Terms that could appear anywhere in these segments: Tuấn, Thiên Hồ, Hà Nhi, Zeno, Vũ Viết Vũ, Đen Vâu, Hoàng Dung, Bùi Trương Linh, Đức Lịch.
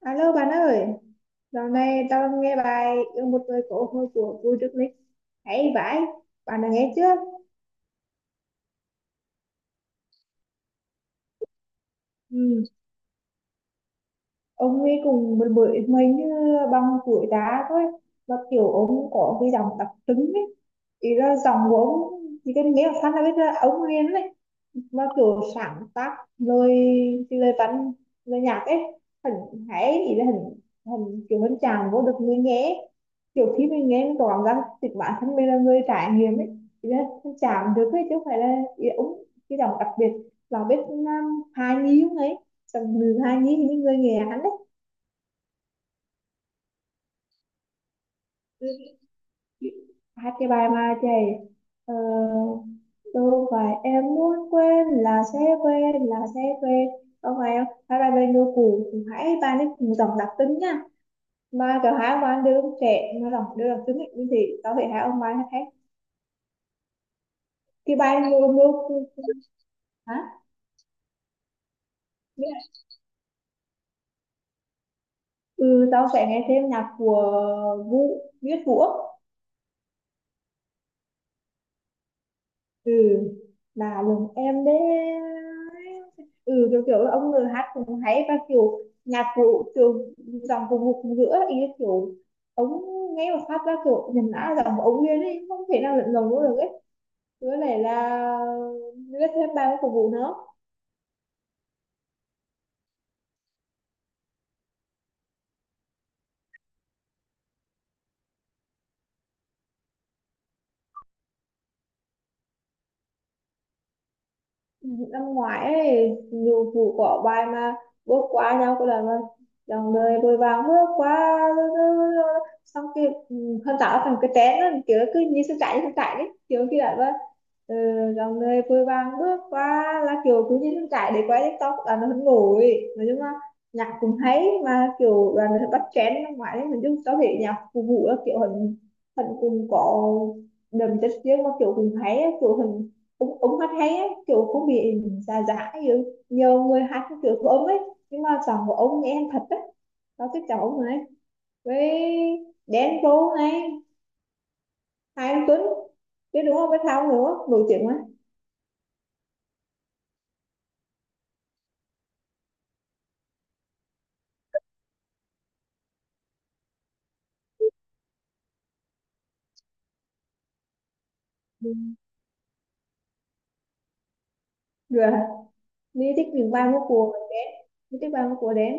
Alo bạn ơi, dạo này tao nghe bài Yêu một người cổ hôi của vui Đức Lịch hay vãi, bạn đã nghe chưa? Ừ, ông ấy cùng một bưởi mình như bằng tuổi đá thôi và kiểu ông có cái giọng đặc trưng ấy, ý là giọng của ông chỉ cần nghe một phát là biết là ông liền đấy. Nó kiểu sáng tác lời, cái lời văn, lời nhạc ấy, hình hãy ý là hình hình kiểu hình chàng vô được người nghe, kiểu khi mình nghe mình có cảm giác chính bản thân mình là người trải nghiệm ấy, thì là hình chàng được ấy chứ không phải là ý là ống cái giọng đặc biệt là biết hài nhi không ấy, giọng nữ hài nhi thì những người nghe hắn đấy hát cái bài mà chạy ờ, đâu phải em muốn quên là sẽ quên là sẽ quên. Không phải không hát bài bên đô cũ cũng hãy bài ấy cùng dòng đặc tính nha, mà cả hai ông bạn đứa con trẻ nó giọng đứa đặc tính ấy, như thế tao phải hai ông bài hát hết cái bài mưa mưa. Hả? Ừ, tao sẽ nghe thêm nhạc của Vũ Viết Vũ. Ừ, là lần em đấy. Ừ, kiểu kiểu là ông người hát cũng hay và kiểu nhạc cụ kiểu dòng vùng một giữa ý là kiểu ông nghe một phát ra kiểu nhìn đã là dòng của ông liền ấy, không thể nào lẫn lộn được ấy. Với lại là rất thêm ba cái phục vụ nữa. Năm ngoái ấy, nhiều vụ có bài mà bước qua nhau có lần mà dòng đời vội vàng bước qua, xong kia ừ, hơn tạo thành cái chén đó, kiểu cứ như sắp chạy đấy kiểu kia là vâng. Ừ, dòng đời vội vàng bước qua là kiểu cứ như sắp chạy để quay TikTok là nó hứng nổi, nói chung là nhạc cũng hay mà kiểu là nó bắt trend năm ngoái đấy, mình chung có thể nhạc phục vụ là kiểu hình hình cùng có đầm chất riêng mà kiểu cùng hay á, kiểu hình cũng cũng hát hay ấy, kiểu cũng bị già già ấy, nhiều người hát cái kiểu của ông ấy, nhưng mà giọng của ông nghe thật đấy. Nó thích cháu này, với Đen Vâu này, Hai anh Tuấn biết đúng không, với thao nữa nổi tiếng mà. Ừ. Rồi mình thích những bài múa của Đen, mình thích bài múa của Đen.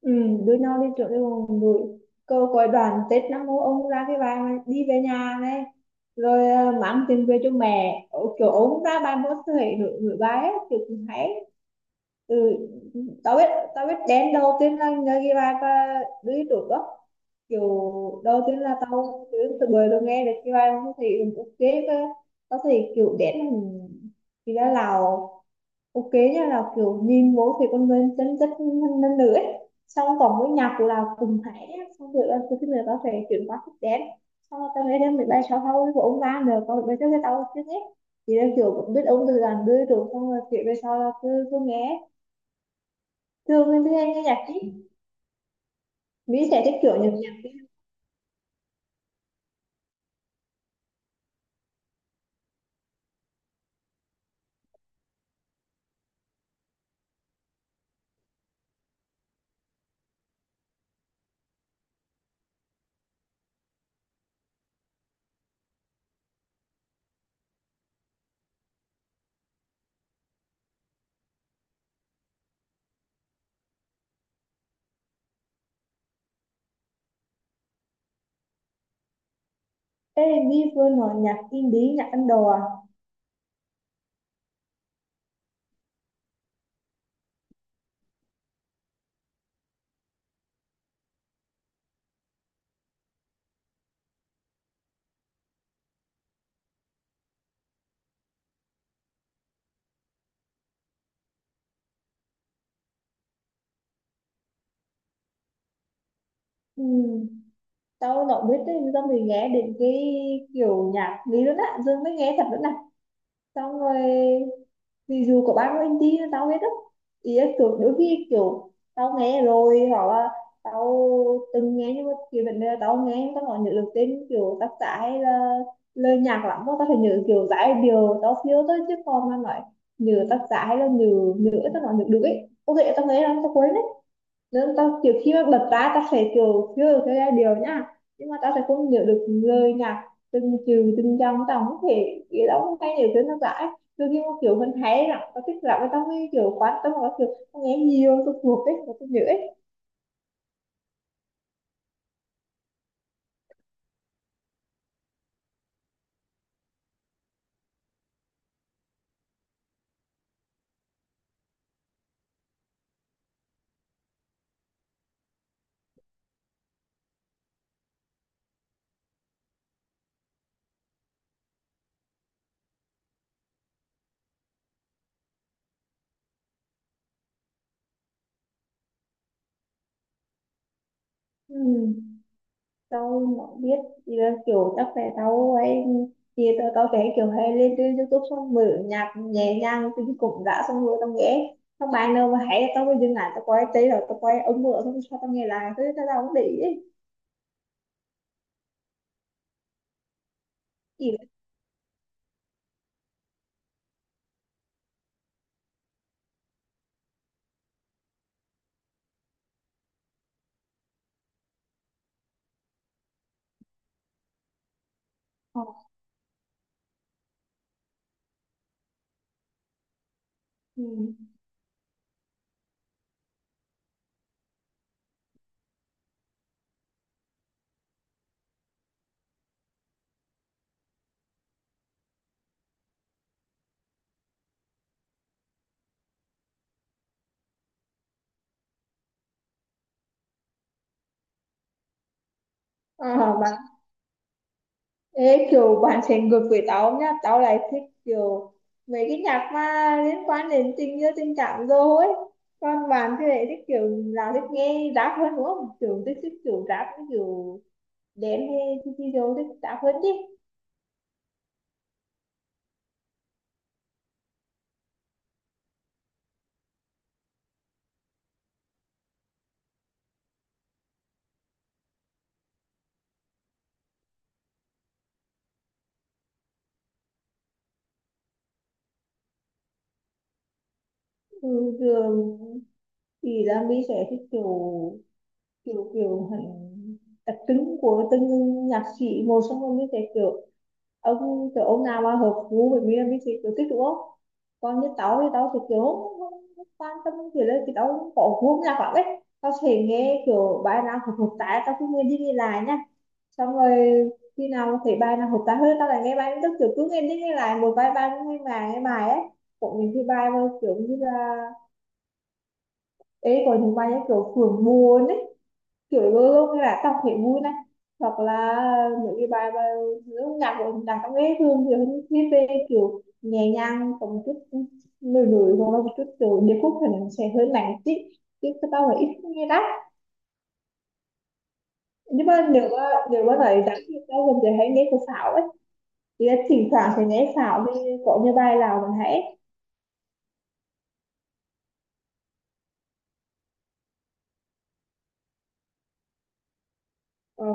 Ừ, đưa nhau đi trượt đi vòng đùi, câu coi đoàn Tết năm mô ông ra cái bài mà đi về nhà này, rồi mang tiền về cho mẹ. Ồ, kiểu ông ra bài múa thể nổi nổi bài ấy, kiểu cũng hay. Ừ, tao biết, tao biết đến đầu tiên là nhờ ghi bài và đứa trước đó kiểu đầu tiên là tao cứ từ bời luôn nghe được ghi bài, tao thấy ừ, ok cơ. Tao thấy kiểu đến là thì ra Lào, ok nha, là kiểu nhìn vô thì con người chân chất hơn hơn nữa ấy. Xong còn với nhạc của Lào cùng hãy á, xong rồi là cái thứ nữa tao phải chuyển qua thích đến. Xong rồi tao nghe thêm mình bay sau sau của ông ra nữa còn bây giờ tao chưa hết, thì là kiểu biết ông từ đàn đưa rồi xong rồi kiểu về sau là cứ cứ nghe. Thường em hay nghe nhạc chứ. Mỹ sẽ thích kiểu nhạc nhạc. Ê, Mỹ vừa nói nhạc indie, nhạc Ấn Độ à? Ừ. Tao đâu biết đấy, xong rồi nghe đến cái kiểu nhạc Mỹ luôn á. Dương mới nghe thật luôn nè. Xong rồi thì dù có bao nhiêu anh đi tao hết á, ý là kiểu đôi khi kiểu tao nghe rồi hoặc là tao từng nghe, nhưng mà kiểu vấn đề là tao nghe nhưng tao còn nhớ được tên kiểu tác giả hay là lời nhạc lắm, tao phải nhớ kiểu giải điều tao thiếu tới, chứ còn mà nói nhớ tác giả hay là nhớ, nhớ tao còn nhớ được ấy, ok tao nghe lắm tao quên. Nếu tao kiểu khi mà bật ra tao sẽ kiểu nhớ cái giai điệu nhá, nhưng mà tao sẽ không nhớ được lời nhạc từng chữ từng dòng, tao không thể, cái đó không hay nhớ tiếng nó giải. Đôi khi mà kiểu mình thấy là tao thích lắm, tao mới kiểu quan tâm và kiểu tao nghe nhiều tao thuộc ấy và tao nhớ ấy. Ừ. Tao không biết, thì là kiểu chắc là tao ấy, thì tao tao thấy kiểu hay lên trên YouTube xong mở nhạc nhẹ nhàng tính cũng đã, xong rồi tao nghe xong bài nào mà hay tao mới dừng lại, tao quay tay rồi tao quay ống mở xong sao tao nghe lại, thế tao tao không để ý ấy. Chỉ là ờ, ừ. Ờ, mà kiểu bạn sẽ ngược với tao nhá, tao lại thích kiểu mấy cái nhạc mà liên quan đến tình yêu tình cảm rồi ấy, còn bạn thì lại thích kiểu là thích nghe rap hơn đúng không, kiểu thích thích kiểu rap cái kiểu đen hay thì thích rap hơn đi. Ừ, thường thì là mình sẽ thích kiểu kiểu kiểu hẳn đặc trưng của từng nhạc sĩ một, xong rồi mới thấy kiểu ông nào mà hợp gu với mình là mình sẽ kiểu thích đúng không. Còn như tao thì tao kiểu không quan tâm kiểu là thì tao không có gu nhạc lắm ấy, tao sẽ nghe kiểu bài nào hợp hợp tai tao cứ nghe đi nghe lại nha, xong rồi khi nào thấy bài nào hợp tai hơn tao lại nghe bài tức kiểu cứ nghe đi nghe lại một vài bài nghe bài nghe bài ấy. Cũng những cái bài mà kiểu như là ấy có những bài như kiểu phường buồn ấy, kiểu luôn lúc là đọc thấy vui này, hoặc là những cái bài mà lúc nhạc của đàn các ấy thường thì hơn viết về kiểu nhẹ nhàng có một chút nổi nổi hoặc là một chút kiểu điệp khúc thì nó sẽ hơi nặng tí, chứ cái tao là ít nghe lắm. Nhưng mà nếu mà nói đáng thì tao gần giờ hay nghe của Thảo ấy, thì là thỉnh thoảng thì nghe Thảo thì có như bài nào mình hãy ờ.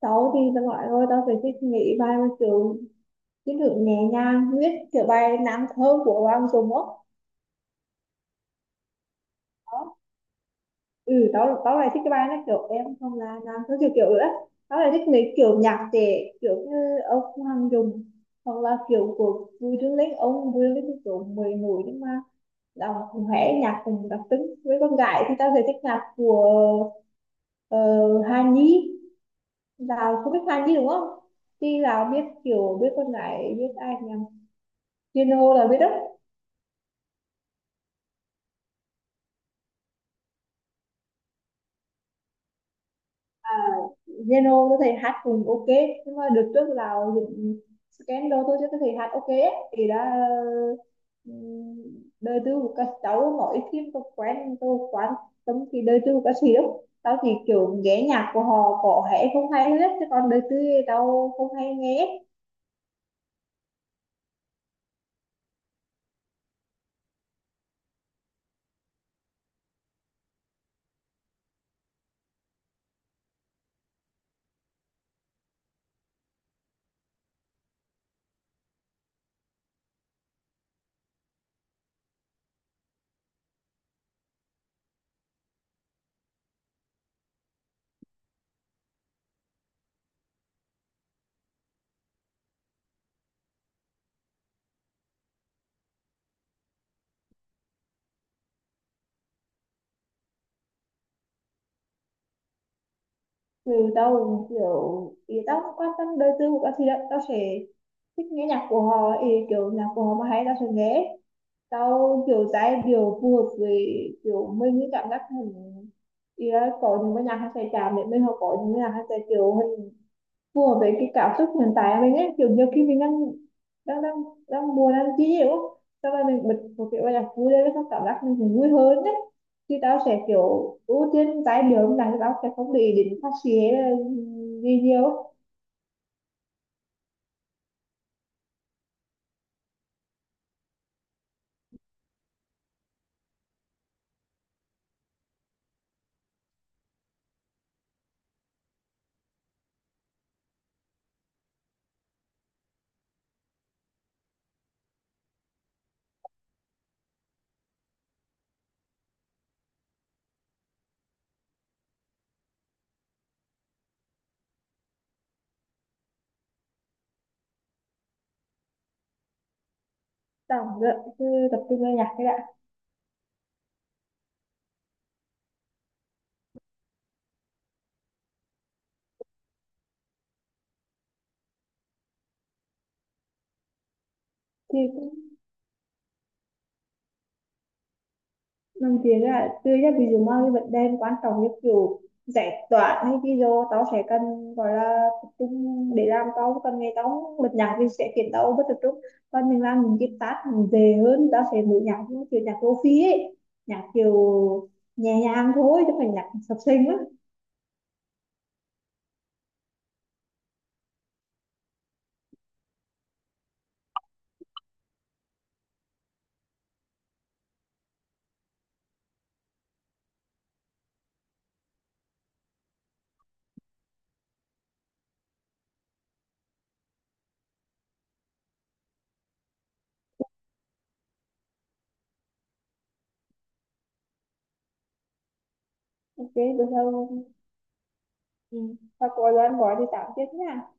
Tao thì tao nói thôi tao phải thích nghĩ bài mà kiểu cái được nhẹ nhàng viết kiểu bài nam thơ của Hoàng Dung á. Ừ, tao tao lại thích cái bài này kiểu em không là nam thứ kiểu kiểu nữa, tao lại thích mấy kiểu nhạc trẻ kiểu như ông Hoàng Dung hoặc là kiểu của Bùi Trương Linh, ông Bùi Trương Linh thì kiểu mười nổi nhưng mà đọc cũng hẻ nhạc cùng đặc tính. Với con gái thì tao sẽ thích nhạc của ờ, Hà Nhi, là không biết Hà Nhi đúng không, thì là biết kiểu biết con gái biết ai nhỉ, Thiên Hồ là biết đó. À, Zeno tôi thấy hát cũng ok, nhưng mà đợt trước là những scandal tôi thấy thầy hát ok ấy. Thì đã ừm, đời tư của các cháu mỗi phim tôi quen tôi quan tâm thì đời tư của các sĩ lắm. Tao thì kiểu nghe nhạc của họ có hay không hay hết chứ còn đời tư thì tao không hay nghe. Thì tao cũng kiểu thì tao không quan tâm đời tư của các sĩ lắm, tao sẽ thích nghe nhạc của họ, thì kiểu nhạc của họ mà hay tao sẽ nghe, sau kiểu giai điệu phù hợp với kiểu mình cái cảm giác mình. Ý là có những cái nhạc hay sẽ chạm để mình hoặc có những cái nhạc hay sẽ kiểu mình phù hợp với cái cảm xúc hiện tại của mình ấy, kiểu nhiều khi mình đang đang đang đang buồn đang chi nhiều á. Sau đó mình bật một cái bài nhạc vui lên xong cảm giác mình cũng vui hơn đấy, thì tao sẽ kiểu ưu tiên trái điệu âm nhạc thì tao sẽ không để ý đến phát sĩ hay là gì nhiều á. Cứ tập trung vào nhạc cái đã. Thì làm việc là tươi ra, ví dụ mà cái vấn đề quan trọng như kiểu giải toán hay cái vô tao sẽ cần gọi là tập trung để làm, tao cần ngày tao bật nhạc thì sẽ khiến tao bất tập trung, còn mình làm những cái task mình dễ hơn tao sẽ mở nhạc như kiểu nhạc lofi ấy, nhạc kiểu nhẹ nhàng thôi chứ không phải nhạc sập sình á. Ok được không. Ừ. Và có gian gọi thì tạm tiếp nha.